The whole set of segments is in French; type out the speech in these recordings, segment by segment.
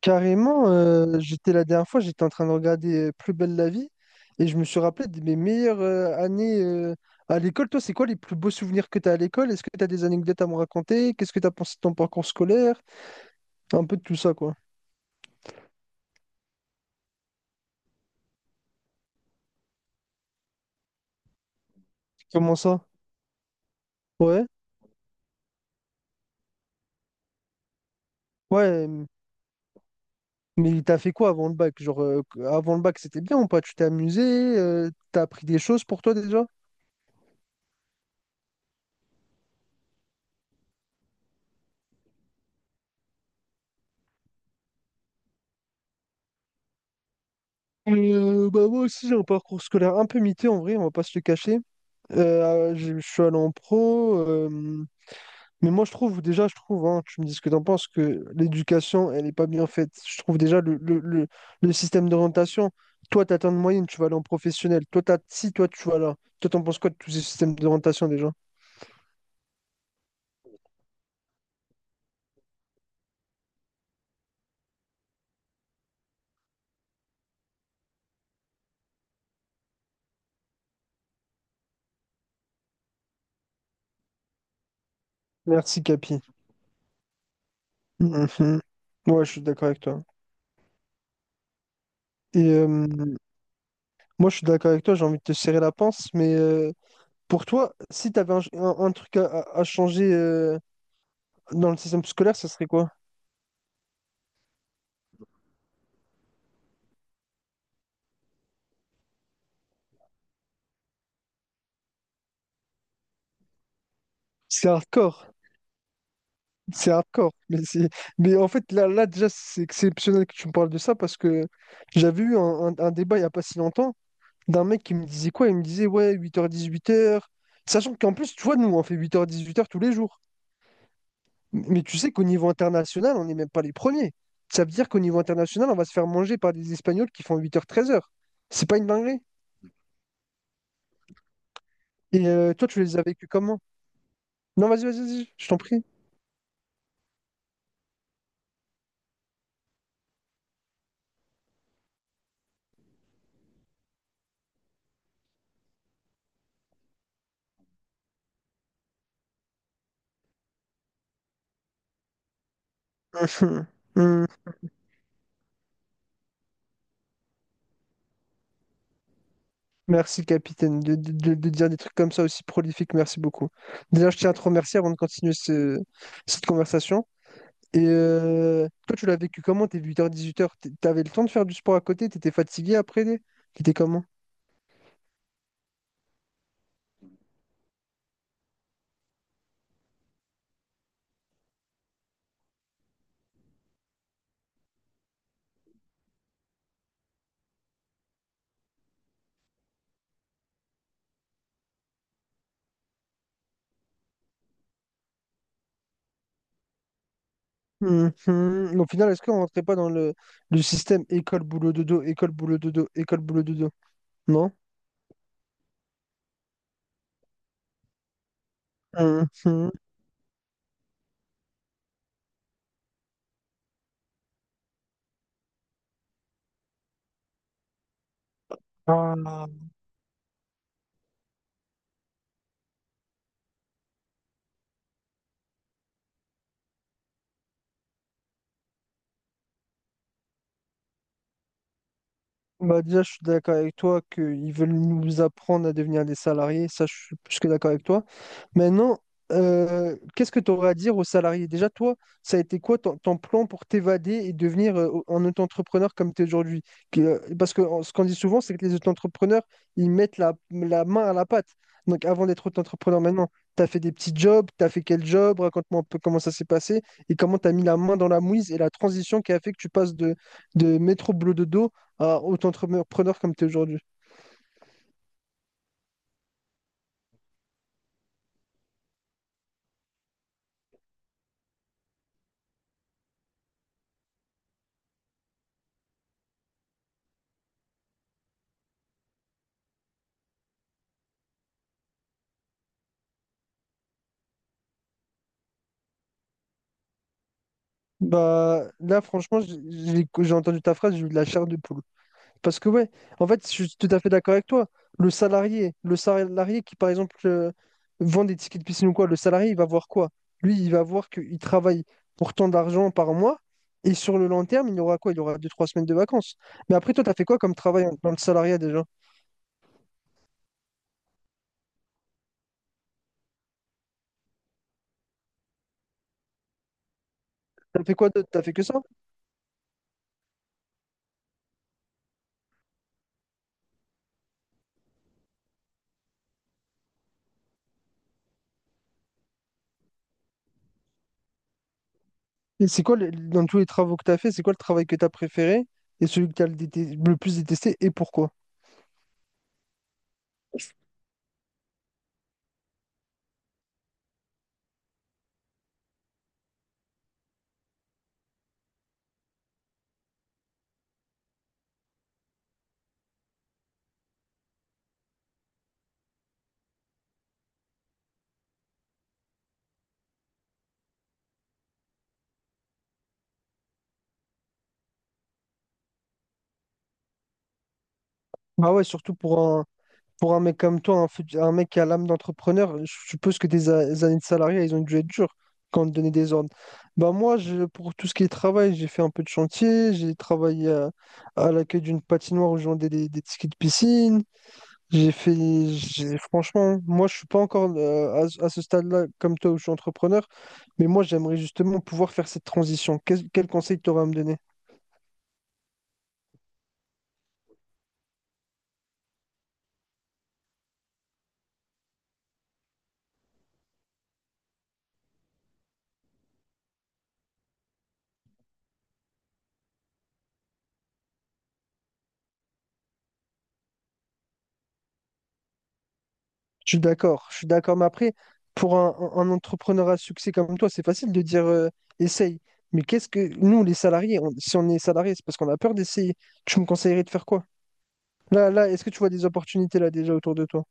Carrément, j'étais la dernière fois, j'étais en train de regarder Plus belle la vie et je me suis rappelé de mes meilleures années à l'école. Toi, c'est quoi les plus beaux souvenirs que tu as à l'école? Est-ce que tu as des anecdotes à me raconter? Qu'est-ce que tu as pensé de ton parcours scolaire? Un peu de tout ça, quoi. Comment ça? Ouais, ouais, mais t'as fait quoi avant le bac? Genre, avant le bac, c'était bien ou pas? Tu t'es amusé? T'as appris des choses pour toi déjà? Bah moi aussi j'ai un parcours scolaire un peu mité en vrai, on va pas se le cacher. Je suis allé en pro. Mais moi, je trouve, déjà, je trouve, hein, tu me dis ce que t'en penses, que l'éducation, elle n'est pas bien faite. Je trouve déjà le système d'orientation, toi, tu atteins une moyenne, tu vas aller en professionnel. Toi, t'as, si, toi, tu vas là. Toi, t'en penses quoi de tous ces systèmes d'orientation déjà? Merci, Capi. Mhm. Ouais, je suis d'accord avec toi. Et moi, je suis d'accord avec toi, j'ai envie de te serrer la pince, mais pour toi, si tu avais un truc à changer dans le système scolaire, ça serait quoi? C'est hardcore, c'est hardcore. Mais c'est... mais en fait, là, là déjà, c'est exceptionnel que tu me parles de ça parce que j'avais eu un débat il n'y a pas si longtemps d'un mec qui me disait quoi? Il me disait, ouais, 8h-18h. Sachant qu'en plus, tu vois, nous, on fait 8h-18h tous les jours. Mais tu sais qu'au niveau international, on n'est même pas les premiers. Ça veut dire qu'au niveau international, on va se faire manger par des Espagnols qui font 8h-13h. C'est pas une dinguerie. Et toi, tu les as vécus comment? Non, vas-y, vas-y, vas-y, je t'en prie. Merci, capitaine, de dire des trucs comme ça aussi prolifiques. Merci beaucoup. Déjà, je tiens à te remercier avant de continuer cette conversation. Et toi, tu l'as vécu comment, tes 8h-18h? T'avais le temps de faire du sport à côté? T'étais fatigué après? T'étais comment? Mhm. Au final, est-ce qu'on rentrait pas dans le système école-boulot-dodo, école-boulot-dodo, école-boulot-dodo? Non? Mhm. Bah déjà, je suis d'accord avec toi qu'ils veulent nous apprendre à devenir des salariés. Ça, je suis plus que d'accord avec toi. Maintenant, qu'est-ce que tu aurais à dire aux salariés? Déjà, toi, ça a été quoi ton plan pour t'évader et devenir un auto-entrepreneur comme tu es aujourd'hui? Parce que ce qu'on dit souvent, c'est que les auto-entrepreneurs, ils mettent la main à la pâte. Donc, avant d'être auto-entrepreneur, maintenant, tu as fait des petits jobs, tu as fait quel job? Raconte-moi un peu comment ça s'est passé et comment tu as mis la main dans la mouise et la transition qui a fait que tu passes de métro boulot dodo à auto-entrepreneur comme tu es aujourd'hui? Bah, là, franchement, j'ai entendu ta phrase, j'ai eu de la chair de poule. Parce que ouais, en fait, je suis tout à fait d'accord avec toi. Le salarié qui, par exemple, vend des tickets de piscine ou quoi, le salarié, il va voir quoi? Lui, il va voir qu'il travaille pour tant d'argent par mois, et sur le long terme, il aura quoi? Il aura deux, trois semaines de vacances. Mais après, toi, t'as fait quoi comme travail dans le salariat déjà? T'as fait quoi d'autre? T'as fait que ça? Et c'est quoi, dans tous les travaux que t'as fait, c'est quoi le travail que t'as préféré et celui que t'as le plus détesté et pourquoi? Bah ouais, surtout pour un mec comme toi, un mec qui a l'âme d'entrepreneur, je suppose que années de salariat, ils ont dû être durs quand on te donnait des ordres. Bah moi, je, pour tout ce qui est travail, j'ai fait un peu de chantier, j'ai travaillé à l'accueil d'une patinoire où je vendais des tickets de piscine. J'ai fait, Franchement, moi, je suis pas encore ce à ce stade-là comme toi où je suis entrepreneur, mais moi, j'aimerais justement pouvoir faire cette transition. Quel conseil tu aurais à me donner? Je suis d'accord, je suis d'accord. Mais après, pour un entrepreneur à succès comme toi, c'est facile de dire essaye. Mais qu'est-ce que nous, les salariés, si on est salarié, c'est parce qu'on a peur d'essayer. Tu me conseillerais de faire quoi? Là, là, est-ce que tu vois des opportunités là déjà autour de toi?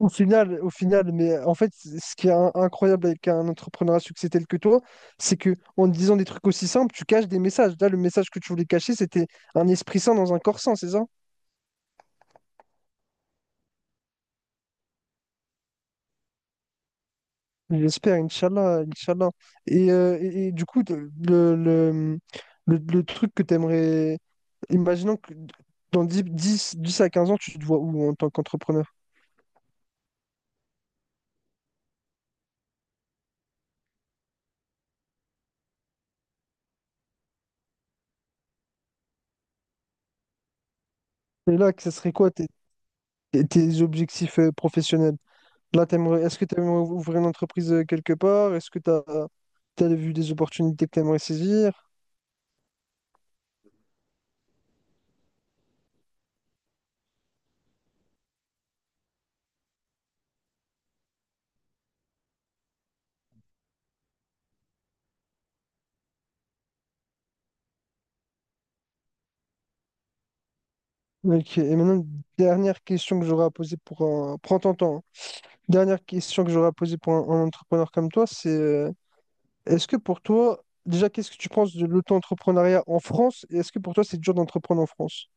Au final, mais en fait, ce qui est incroyable avec un entrepreneur à succès tel que toi, c'est que en disant des trucs aussi simples, tu caches des messages. Là, le message que tu voulais cacher, c'était un esprit sain dans un corps sain, c'est ça? J'espère, Inch'Allah, Inch'Allah. Et du coup, le, le truc que tu aimerais, imaginons que dans 10 à 15 ans, tu te vois où en tant qu'entrepreneur? Et là, que ce serait quoi tes objectifs professionnels? Là, t'aimerais, est-ce que tu aimerais ouvrir une entreprise quelque part? Est-ce que tu as vu des opportunités que tu aimerais saisir? Ok. Et maintenant, dernière question que j'aurais à poser pour un... Prends ton temps, hein. Dernière question que j'aurais à poser pour un entrepreneur comme toi, c'est est-ce que pour toi, déjà, qu'est-ce que tu penses de l'auto-entrepreneuriat en France? Et est-ce que pour toi, c'est dur d'entreprendre en France?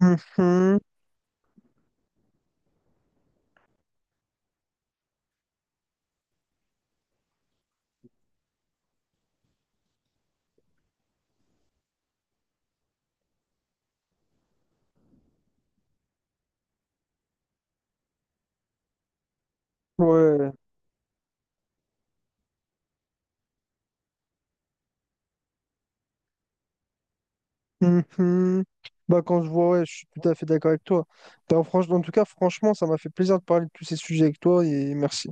Mhm, ouais. Mhm. Bah, quand je vois, ouais, je suis tout à fait d'accord avec toi. Bah, en tout cas, franchement, ça m'a fait plaisir de parler de tous ces sujets avec toi et merci.